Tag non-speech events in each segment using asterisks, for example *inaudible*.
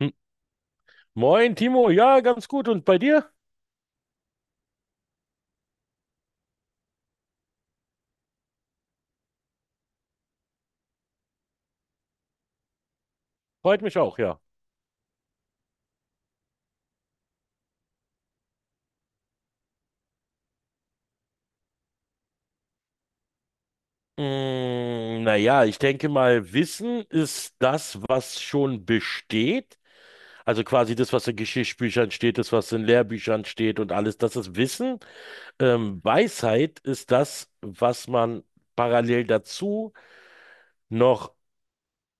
Hm. Moin, Timo. Ja, ganz gut. Und bei dir? Freut mich auch, ja. Mm, naja, ich denke mal, Wissen ist das, was schon besteht. Also quasi das, was in Geschichtsbüchern steht, das, was in Lehrbüchern steht und alles, das ist Wissen. Weisheit ist das, was man parallel dazu noch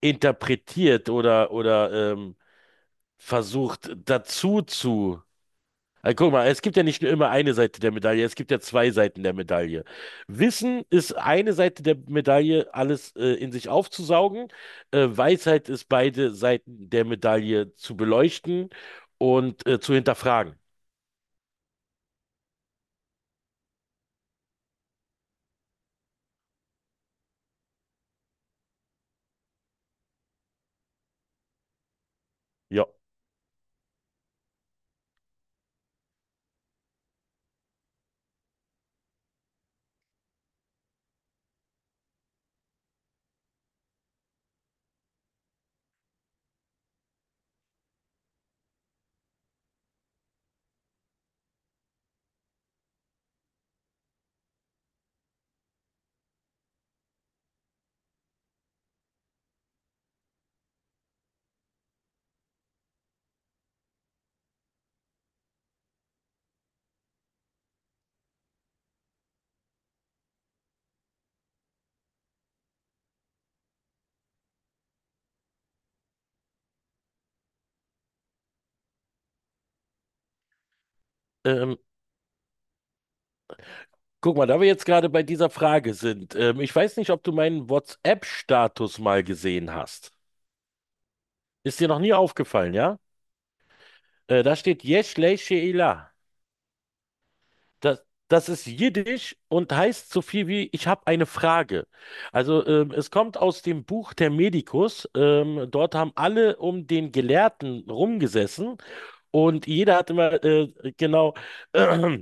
interpretiert oder versucht dazu zu Also guck mal, es gibt ja nicht nur immer eine Seite der Medaille, es gibt ja zwei Seiten der Medaille. Wissen ist eine Seite der Medaille, alles in sich aufzusaugen. Weisheit ist beide Seiten der Medaille zu beleuchten und zu hinterfragen. Ja. Ähm, guck mal, da wir jetzt gerade bei dieser Frage sind, ich weiß nicht, ob du meinen WhatsApp-Status mal gesehen hast. Ist dir noch nie aufgefallen, ja? Da steht Yesh Lei She'ilah. Das, das ist Jiddisch und heißt so viel wie ich habe eine Frage. Also es kommt aus dem Buch Thermedicus. Dort haben alle um den Gelehrten rumgesessen und jeder hat immer genau *clears throat*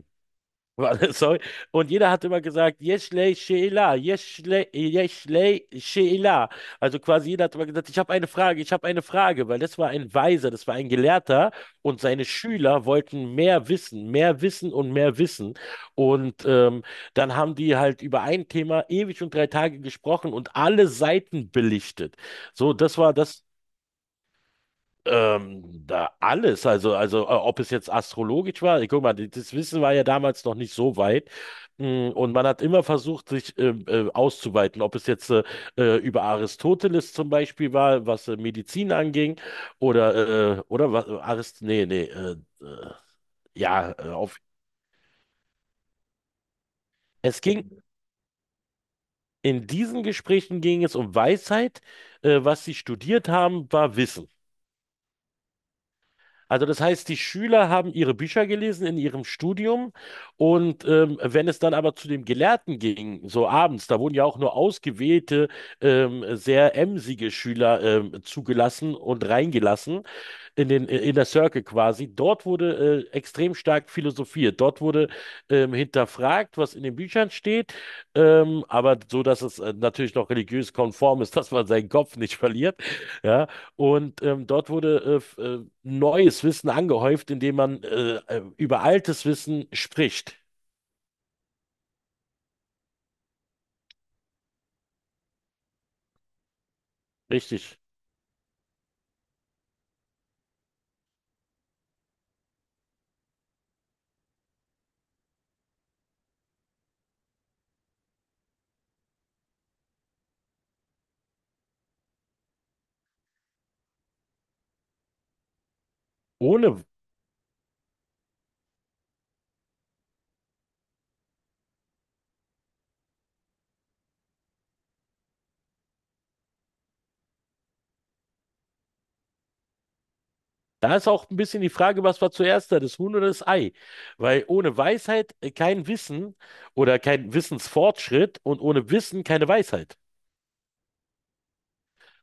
Warte, Sorry. Und jeder hat immer gesagt, Yeşilay Şeyla, Yeşilay, Yeşilay Şeyla. Also quasi jeder hat immer gesagt, ich habe eine Frage, ich habe eine Frage, weil das war ein Weiser, das war ein Gelehrter und seine Schüler wollten mehr wissen, mehr wissen. Und dann haben die halt über ein Thema ewig und drei Tage gesprochen und alle Seiten belichtet. So, das war das da alles, also, also ob es jetzt astrologisch war, ich guck mal, die- das Wissen war ja damals noch nicht so weit. Mm, und man hat immer versucht, sich auszuweiten, ob es jetzt über Aristoteles zum Beispiel war, was Medizin anging, oder was, Arist, äh, ja, auf, es ging, in diesen Gesprächen ging es um Weisheit, was sie studiert haben, war Wissen. Also das heißt, die Schüler haben ihre Bücher gelesen in ihrem Studium und wenn es dann aber zu dem Gelehrten ging, so abends, da wurden ja auch nur ausgewählte, sehr emsige Schüler zugelassen und reingelassen, in den Inner Circle quasi. Dort wurde extrem stark philosophiert. Dort wurde hinterfragt, was in den Büchern steht, aber so, dass es natürlich noch religiös konform ist, *laughs* dass man seinen Kopf nicht verliert. Ja, und dort wurde neues Wissen angehäuft, indem man über altes Wissen spricht. Richtig. Ohne Da ist auch ein bisschen die Frage, was war zuerst da, das Huhn oder das Ei? Weil ohne Weisheit kein Wissen oder kein Wissensfortschritt und ohne Wissen keine Weisheit.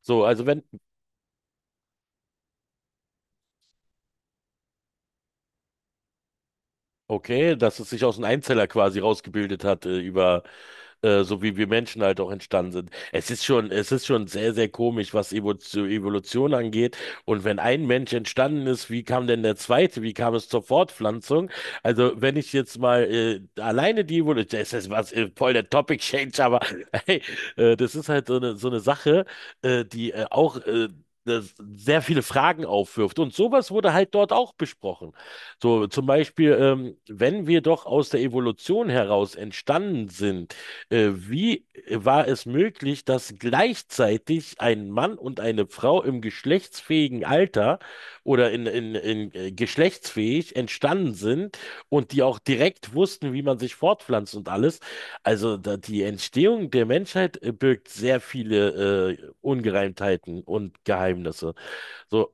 So, also wenn Okay, dass es sich aus einem Einzeller quasi rausgebildet hat, über so wie wir Menschen halt auch entstanden sind. Es ist schon sehr, sehr komisch, was Evo- zu Evolution angeht. Und wenn ein Mensch entstanden ist, wie kam denn der zweite? Wie kam es zur Fortpflanzung? Also, wenn ich jetzt mal alleine die Evolution, das ist was voll der Topic Change, aber *laughs* hey, das ist halt so eine Sache, die auch das sehr viele Fragen aufwirft. Und sowas wurde halt dort auch besprochen. So, zum Beispiel, wenn wir doch aus der Evolution heraus entstanden sind, wie war es möglich, dass gleichzeitig ein Mann und eine Frau im geschlechtsfähigen Alter oder in geschlechtsfähig entstanden sind und die auch direkt wussten, wie man sich fortpflanzt und alles? Also da, die Entstehung der Menschheit birgt sehr viele Ungereimtheiten und Geheimnisse. So,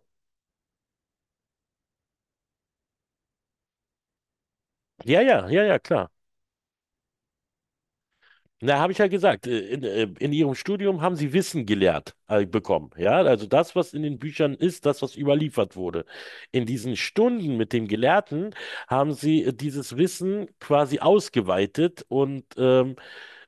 ja, ja, ja, ja, klar. Na, habe ich ja gesagt, in ihrem Studium haben sie Wissen gelehrt, bekommen. Ja, also das, was in den Büchern ist, das, was überliefert wurde. In diesen Stunden mit dem Gelehrten haben sie dieses Wissen quasi ausgeweitet und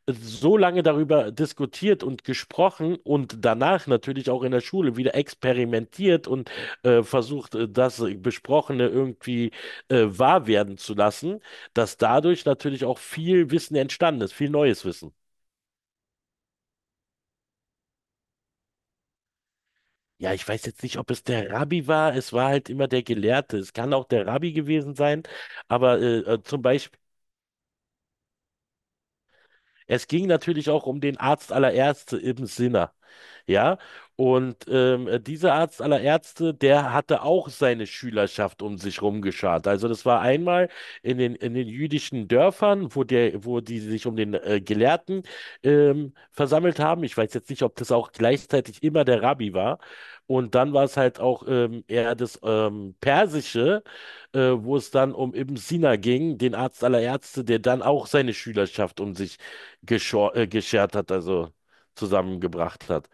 so lange darüber diskutiert und gesprochen und danach natürlich auch in der Schule wieder experimentiert und versucht, das Besprochene irgendwie wahr werden zu lassen, dass dadurch natürlich auch viel Wissen entstanden ist, viel neues Wissen. Ja, ich weiß jetzt nicht, ob es der Rabbi war. Es war halt immer der Gelehrte. Es kann auch der Rabbi gewesen sein. Aber zum Beispiel, es ging natürlich auch um den Arzt aller Ärzte, Ibn Sina. Ja, und dieser Arzt aller Ärzte, der hatte auch seine Schülerschaft um sich rumgeschart. Also das war einmal in den jüdischen Dörfern, wo der, wo die sich um den Gelehrten versammelt haben. Ich weiß jetzt nicht, ob das auch gleichzeitig immer der Rabbi war. Und dann war es halt auch eher das Persische, wo es dann um Ibn Sina ging, den Arzt aller Ärzte, der dann auch seine Schülerschaft um sich geschor geschert hat, also zusammengebracht hat.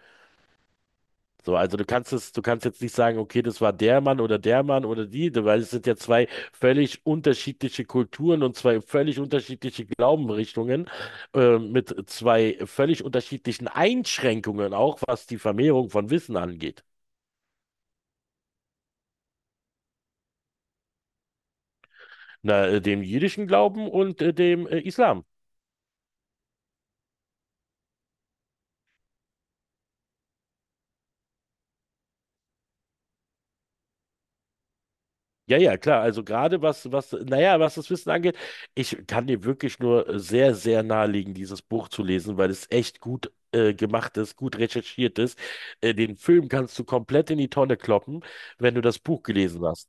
So, also du kannst es, du kannst jetzt nicht sagen, okay, das war der Mann oder die, weil es sind ja zwei völlig unterschiedliche Kulturen und zwei völlig unterschiedliche Glaubensrichtungen mit zwei völlig unterschiedlichen Einschränkungen auch, was die Vermehrung von Wissen angeht. Na, dem jüdischen Glauben und dem Islam. Ja, ja, klar. Also gerade was, was, naja, was das Wissen angeht, ich kann dir wirklich nur sehr, sehr nahelegen, dieses Buch zu lesen, weil es echt gut gemacht ist, gut recherchiert ist. Den Film kannst du komplett in die Tonne kloppen, wenn du das Buch gelesen hast.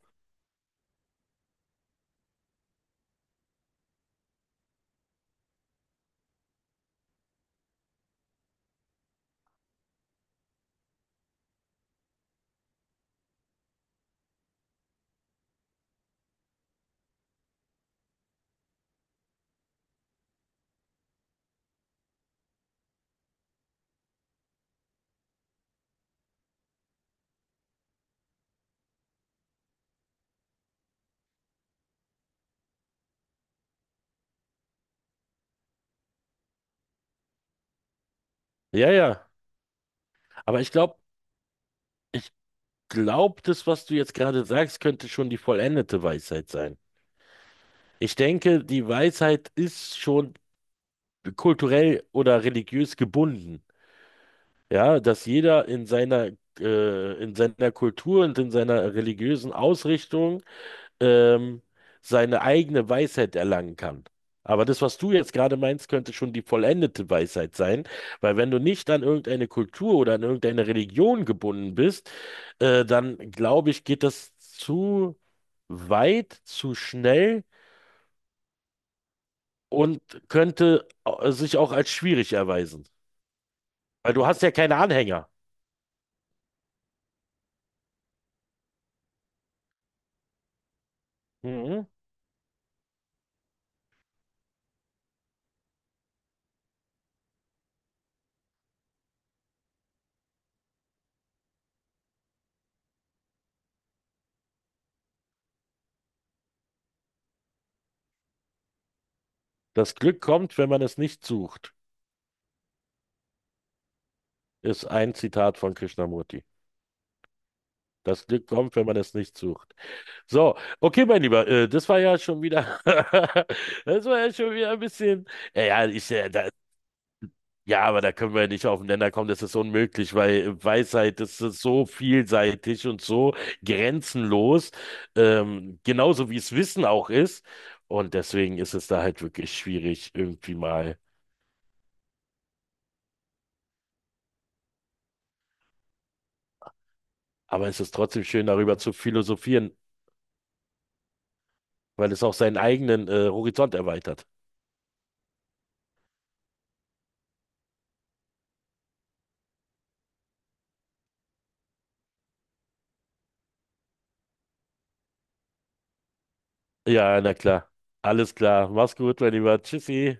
Ja, ja. Aber ich glaube, ich das, was du jetzt gerade sagst, könnte schon die vollendete Weisheit sein. Ich denke, die Weisheit ist schon kulturell oder religiös gebunden. Ja, dass jeder in seiner Kultur und in seiner religiösen Ausrichtung ähm, seine eigene Weisheit erlangen kann. Aber das, was du jetzt gerade meinst, könnte schon die vollendete Weisheit sein, weil wenn du nicht an irgendeine Kultur oder an irgendeine Religion gebunden bist, dann glaube ich, geht das zu weit, zu schnell und könnte sich auch als schwierig erweisen, weil du hast ja keine Anhänger. Mhm. Das Glück kommt, wenn man es nicht sucht, ist ein Zitat von Krishnamurti. Das Glück kommt, wenn man es nicht sucht. So, okay, mein Lieber, das war ja schon wieder, *laughs* das war ja schon wieder ein bisschen, ja, ja, ja, aber da können wir nicht auf den Nenner kommen, das ist unmöglich, weil Weisheit, das ist so vielseitig und so grenzenlos, genauso wie es Wissen auch ist. Und deswegen ist es da halt wirklich schwierig, irgendwie mal. Aber es ist trotzdem schön, darüber zu philosophieren. Weil es auch seinen eigenen Horizont erweitert. Ja, na klar. Alles klar. Mach's gut, mein Lieber. Tschüssi.